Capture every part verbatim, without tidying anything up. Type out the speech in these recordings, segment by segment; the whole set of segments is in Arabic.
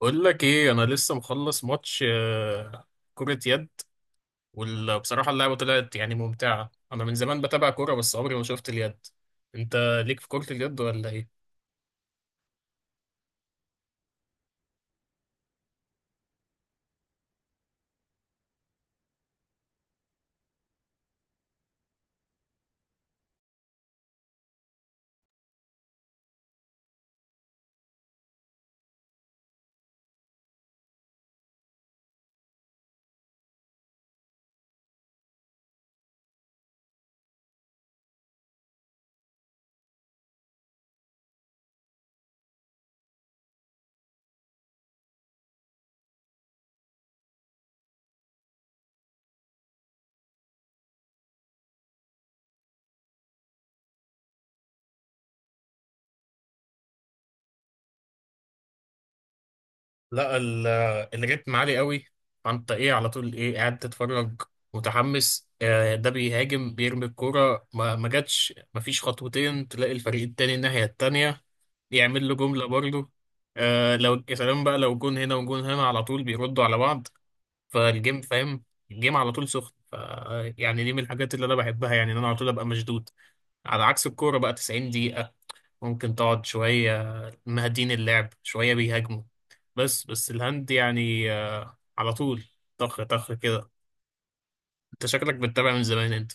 بقول لك ايه، انا لسه مخلص ماتش آه، كرة يد. وبصراحة اللعبة طلعت يعني ممتعة. انا من زمان بتابع كورة بس عمري ما شفت اليد. انت ليك في كرة اليد ولا ايه؟ لا ال- الريتم عالي قوي، فانت ايه على طول ايه قاعد تتفرج متحمس. آه، ده بيهاجم بيرمي الكورة ما ما جاتش، ما فيش خطوتين تلاقي الفريق التاني الناحية التانية يعمل له جملة برضه. آه لو يا سلام بقى، لو جون هنا وجون هنا على طول بيردوا على بعض، فالجيم، فاهم، الجيم على طول سخن. ف يعني دي من الحاجات اللي انا بحبها، يعني ان انا على طول ابقى مشدود. على عكس الكوره بقى، تسعين دقيقه ممكن تقعد شويه مهدين اللعب شويه بيهاجموا. بس بس الهند يعني آه، على طول طخ طخ كده. انت شكلك بتتابع من زمان انت.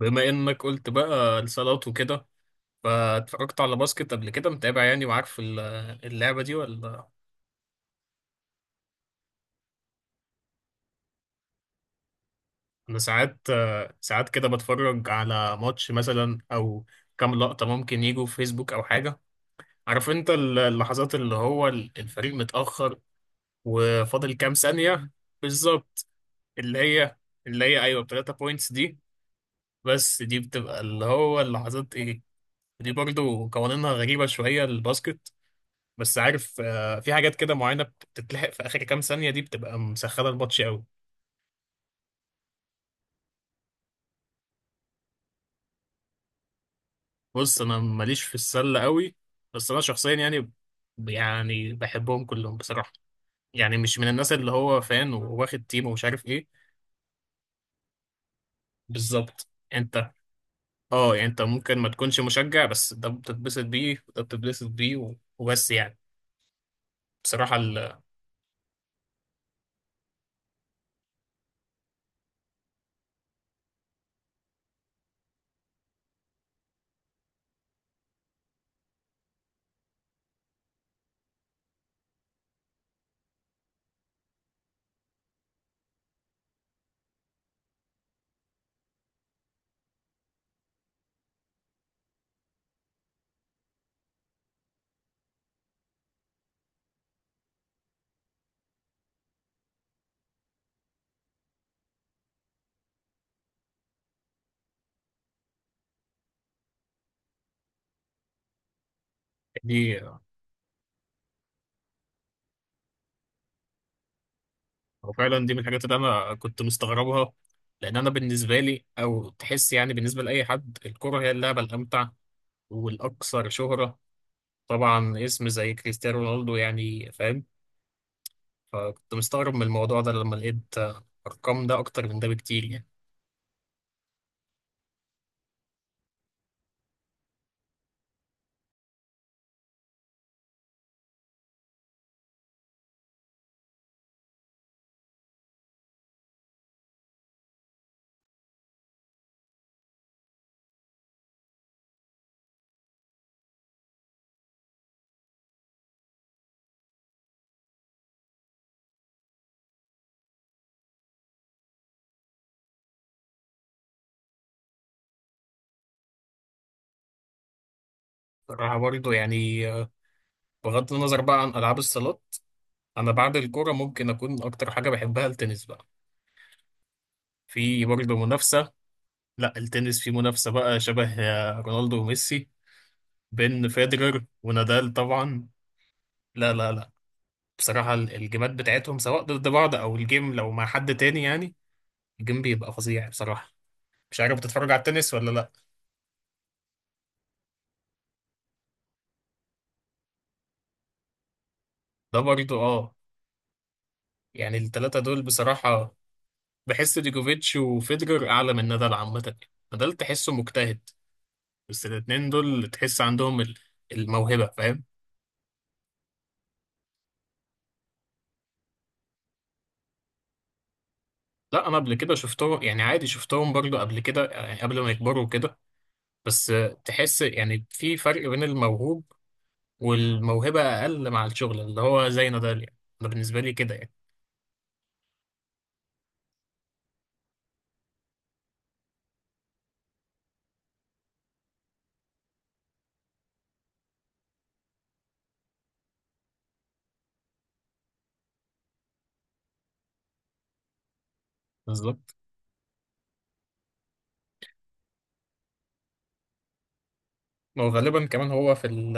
بما انك قلت بقى الصالات وكده، فاتفرجت على باسكت قبل كده؟ متابع يعني وعارف ال- اللعبه دي ولا؟ انا ساعات ساعات كده بتفرج على ماتش مثلا او كام لقطة ممكن يجوا في فيسبوك او حاجة. عارف انت ال- اللحظات اللي هو ال- الفريق متأخر وفاضل كام ثانية. بالظبط. اللي هي اللي هي ايوه، بتلاتة بوينتس دي. بس دي بتبقى اللي هو اللحظات ايه. دي برضو قوانينها غريبة شوية الباسكت، بس عارف آه، في حاجات كده معينة بتتلحق في آخر كام ثانية دي بتبقى مسخنة الماتش قوي. بص انا ماليش في السله قوي، بس انا شخصيا يعني، يعني بحبهم كلهم بصراحه. يعني مش من الناس اللي هو فان وواخد تيم ومش عارف ايه. بالظبط انت. اه يعني انت ممكن ما تكونش مشجع بس ده بتتبسط بيه وده بتتبسط بيه و- وبس يعني. بصراحه ال... دي هو فعلا دي من الحاجات اللي انا كنت مستغربها، لان انا بالنسبه لي او تحس يعني بالنسبه لاي حد الكره هي اللعبه الامتع والاكثر شهره، طبعا اسم زي كريستيانو رونالدو يعني فاهم. فكنت مستغرب من الموضوع ده لما لقيت آه، أرقام ده أكتر من ده بكتير يعني. صراحة برضه يعني، آه، بغض النظر بقى عن ألعاب الصالات، أنا بعد الكورة ممكن أكون أكتر حاجة بحبها التنس بقى. في برضه منافسة. لا التنس في منافسة بقى شبه آه، رونالدو وميسي، بين فيدرر ونادال طبعا. لا لا لا، بصراحة ال- الجيمات بتاعتهم سواء ضد بعض أو الجيم لو مع حد تاني يعني الجيم بيبقى فظيع بصراحة. مش عارف بتتفرج على التنس ولا لا؟ ده برضه اه. يعني التلاتة دول بصراحة، بحس ديجوفيتش وفيدرر اعلى من نادال عامه. نادال تحسه مجتهد، بس الاتنين دول تحس عندهم ال- الموهبه، فاهم. لا انا قبل كده شفتهم يعني عادي، شفتهم برضو قبل كده يعني قبل ما يكبروا كده. بس تحس يعني في فرق بين الموهوب والموهبه اقل مع الشغل اللي هو زي نادال، يعني انا بالنسبه لي كده يعني. بالظبط. وغالبا كمان هو في ال،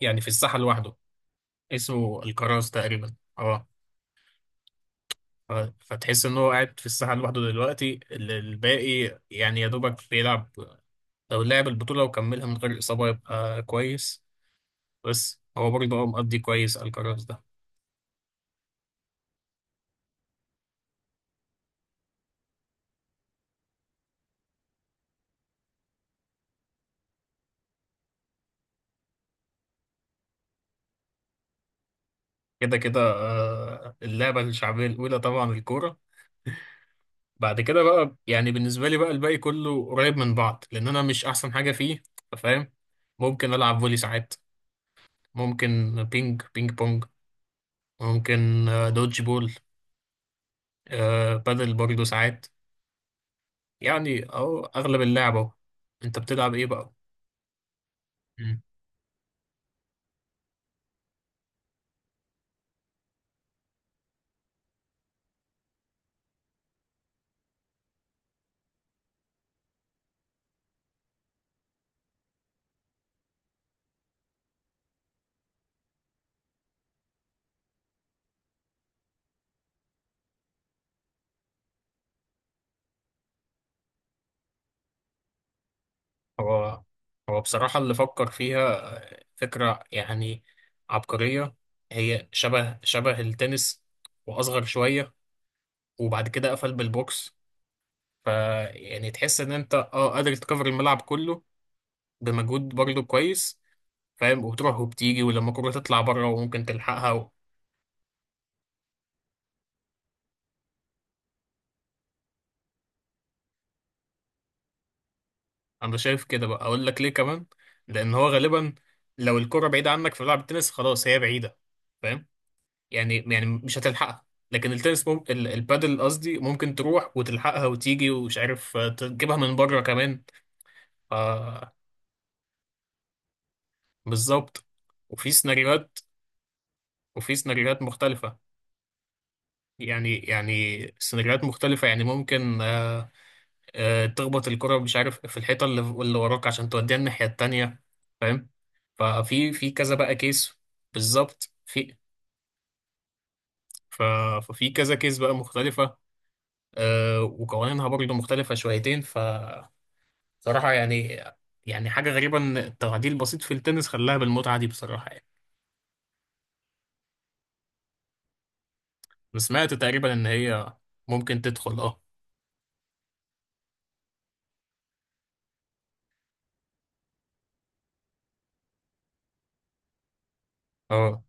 يعني في الساحه لوحده، اسمه الكراس تقريبا اه. آه، فتحس ان هو قاعد في الساحه لوحده دلوقتي، ال- الباقي يعني يا دوبك بيلعب. لو لعب البطوله وكملها من غير اصابه يبقى كويس. بس هو برضه هو مقضي كويس الكراس ده. كده كده آه، اللعبه الشعبيه الاولى طبعا الكوره. بعد كده بقى يعني بالنسبه لي بقى الباقي كله قريب من بعض لان انا مش احسن حاجه فيه، فاهم. ممكن العب فولي ساعات، ممكن بينج بينج بونج، ممكن آه، دوج بول، آه، بادل برضه ساعات. يعني أو أغلب اللعب أهو. أنت بتلعب إيه بقى؟ مم. هو هو بصراحة اللي فكر فيها آه، فكرة يعني عبقرية. هي شبه شبه التنس وأصغر شوية، وبعد كده قفل بالبوكس، فيعني تحس إن أنت أه قادر تكفر الملعب كله بمجهود برضه كويس، فاهم. وبتروح وبتيجي ولما الكورة تطلع بره وممكن تلحقها و... أنا شايف كده بقى، أقول لك ليه كمان. لأن هو غالبا لو الكرة بعيدة عنك في ملعب التنس خلاص هي بعيدة، فاهم. يعني يعني مش هتلحقها، لكن التنس ممكن البادل قصدي ممكن تروح وتلحقها وتيجي ومش عارف آه، تجيبها من بره كمان. ف بالظبط. وفي سيناريوهات، وفي سيناريوهات مختلفة يعني يعني، سيناريوهات مختلفة يعني ممكن آه، آه، تخبط الكرة مش عارف في الحيطة اللي اللي وراك عشان توديها الناحية التانية، فاهم. ففي في كذا بقى كيس. بالظبط. في ف- ففي كذا كيس بقى مختلفة، آه، وقوانينها برضه مختلفة شويتين. ف صراحة يعني، يعني حاجة غريبة إن التعديل البسيط في التنس خلاها بالمتعة دي بصراحة يعني. أنا سمعت تقريبا إن هي ممكن تدخل أه